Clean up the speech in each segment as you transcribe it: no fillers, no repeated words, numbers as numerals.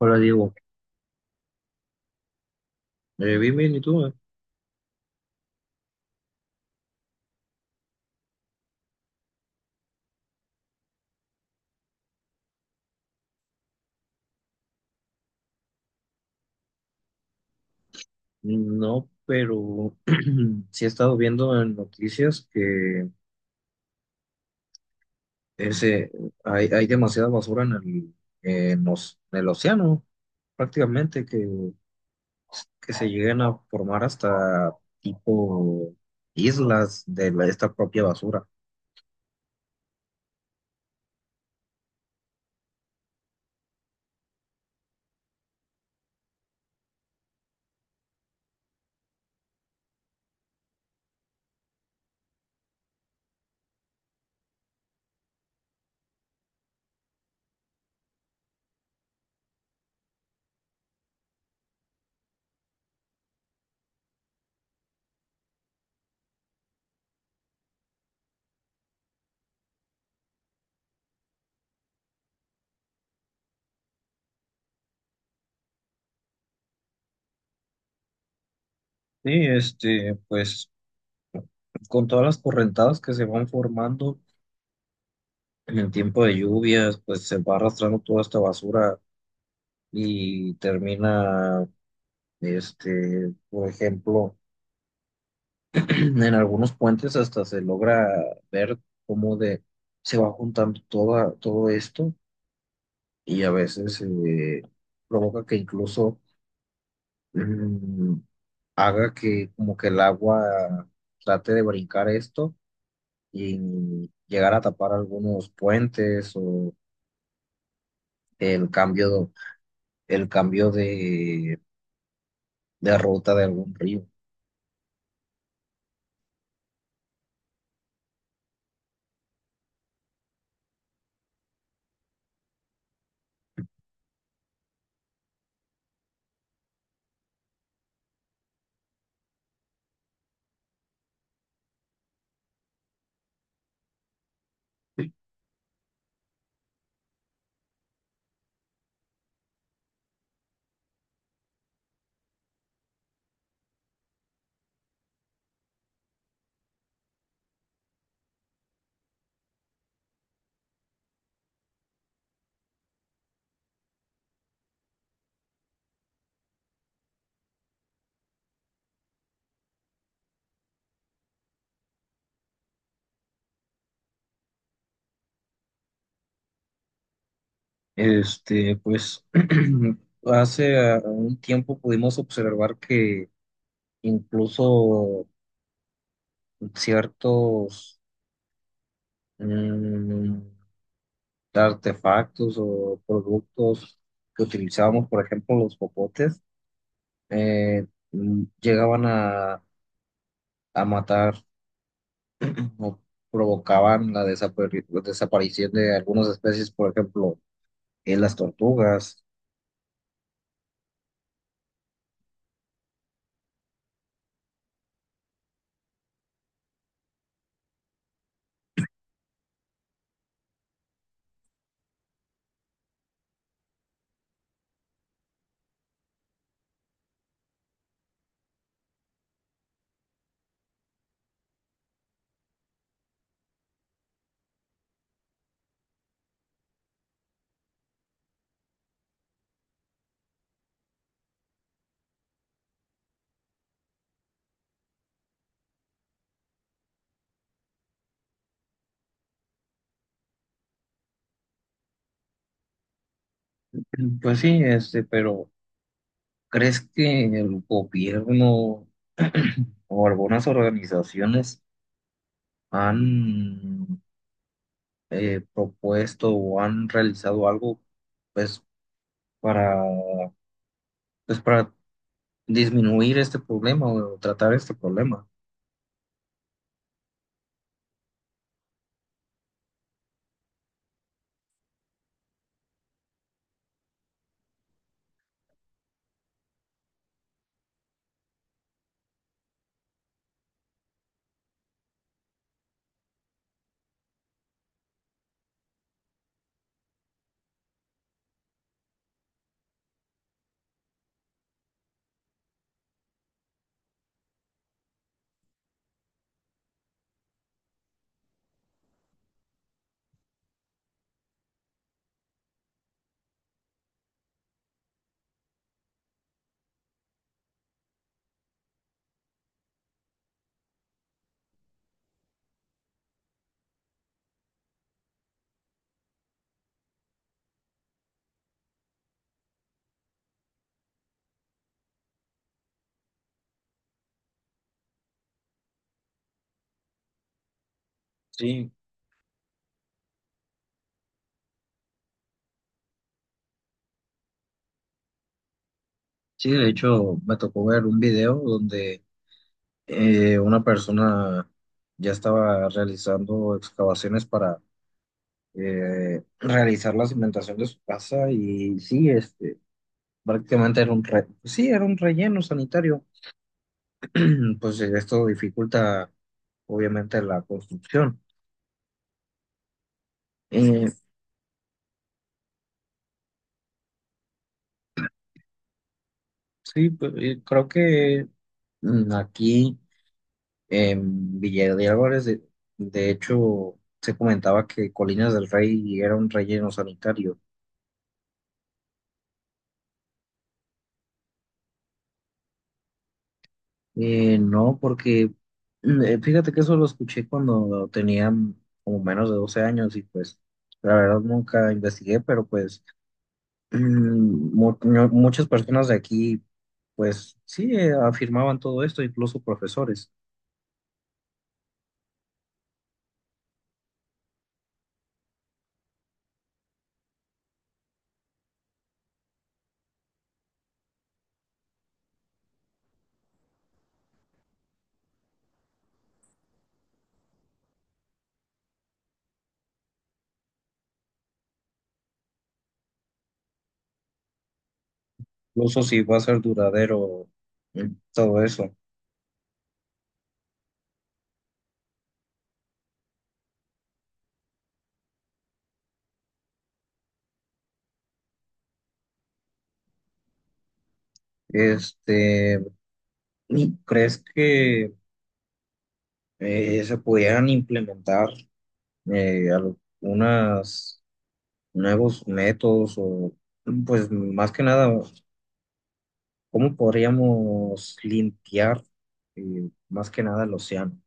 Hola Diego. Bien, bien, ¿y tú? No, pero sí he estado viendo en noticias que ese, hay demasiada basura en en los en el océano, prácticamente, que se llegan a formar hasta tipo islas esta propia basura. Sí, este, pues con todas las correntadas que se van formando en el tiempo de lluvias, pues se va arrastrando toda esta basura y termina. Este, por ejemplo, en algunos puentes hasta se logra ver cómo de, se va juntando toda, todo esto y a veces provoca que incluso mm, haga que como que el agua trate de brincar esto y llegar a tapar algunos puentes o el cambio, el cambio de ruta de algún río. Este, pues hace un tiempo pudimos observar que incluso ciertos mm, artefactos o productos que utilizábamos, por ejemplo, los popotes, eh, llegaban a matar o provocaban la desaparición de algunas especies, por ejemplo, en las tortugas. Pues sí, este, pero ¿crees que el gobierno o algunas organizaciones han propuesto o han realizado algo pues para pues para disminuir este problema o tratar este problema? Sí, sí, de hecho me tocó ver un video donde una persona ya estaba realizando excavaciones para realizar la cimentación de su casa y sí, este prácticamente era pues sí, era un relleno sanitario. Pues esto dificulta obviamente la construcción. Eh, sí, pues, creo que aquí en Villa de Álvarez, de hecho, se comentaba que Colinas del Rey era un relleno sanitario. No, porque fíjate que eso lo escuché cuando tenía como menos de 12 años y pues la verdad nunca investigué, pero pues mm, muchas personas de aquí, pues sí, afirmaban todo esto, incluso profesores, incluso si va a ser duradero mm, todo eso. Este, ¿crees que se pudieran implementar algunos nuevos métodos o, pues más que nada, cómo podríamos limpiar más que nada el océano?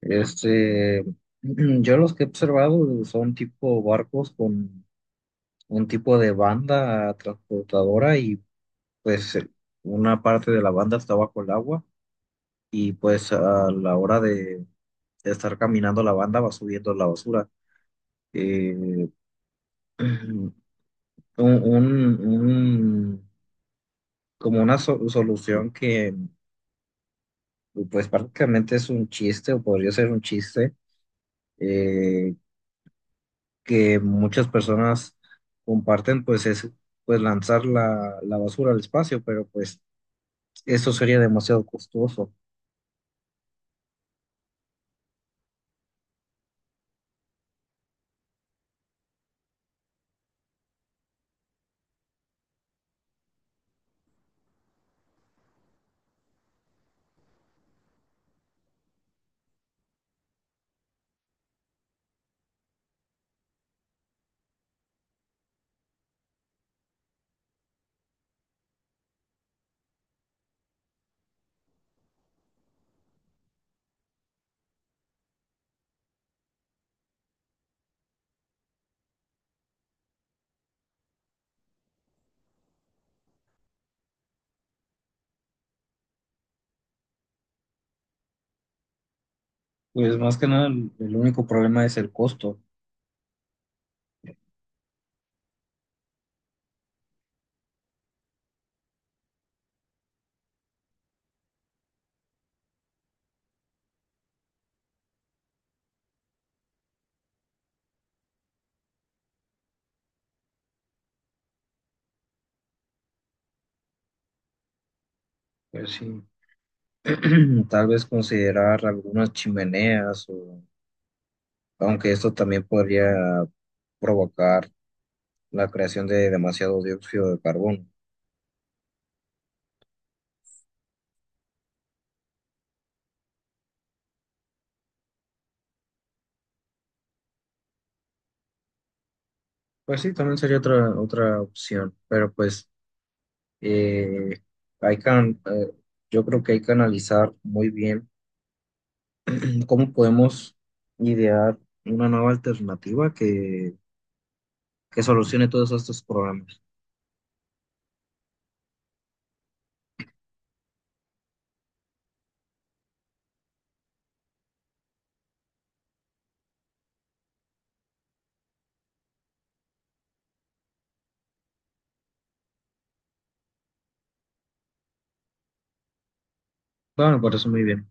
Este, yo los que he observado son tipo barcos con un tipo de banda transportadora y pues una parte de la banda está bajo el agua y pues a la hora de estar caminando la banda va subiendo la basura. Eh, un, un- un- como solución que pues prácticamente es un chiste o podría ser un chiste, eh, que muchas personas comparten, pues es pues lanzar la basura al espacio, pero pues eso sería demasiado costoso. Pues más que nada el, el único problema es el costo. Pues sí, tal vez considerar algunas chimeneas, o, aunque esto también podría provocar la creación de demasiado dióxido de carbono. Pues sí, también sería otra, otra opción, pero pues eh, hay can- eh, yo creo que hay que analizar muy bien cómo podemos idear una nueva alternativa que solucione todos estos problemas. Bueno, me parece muy bien.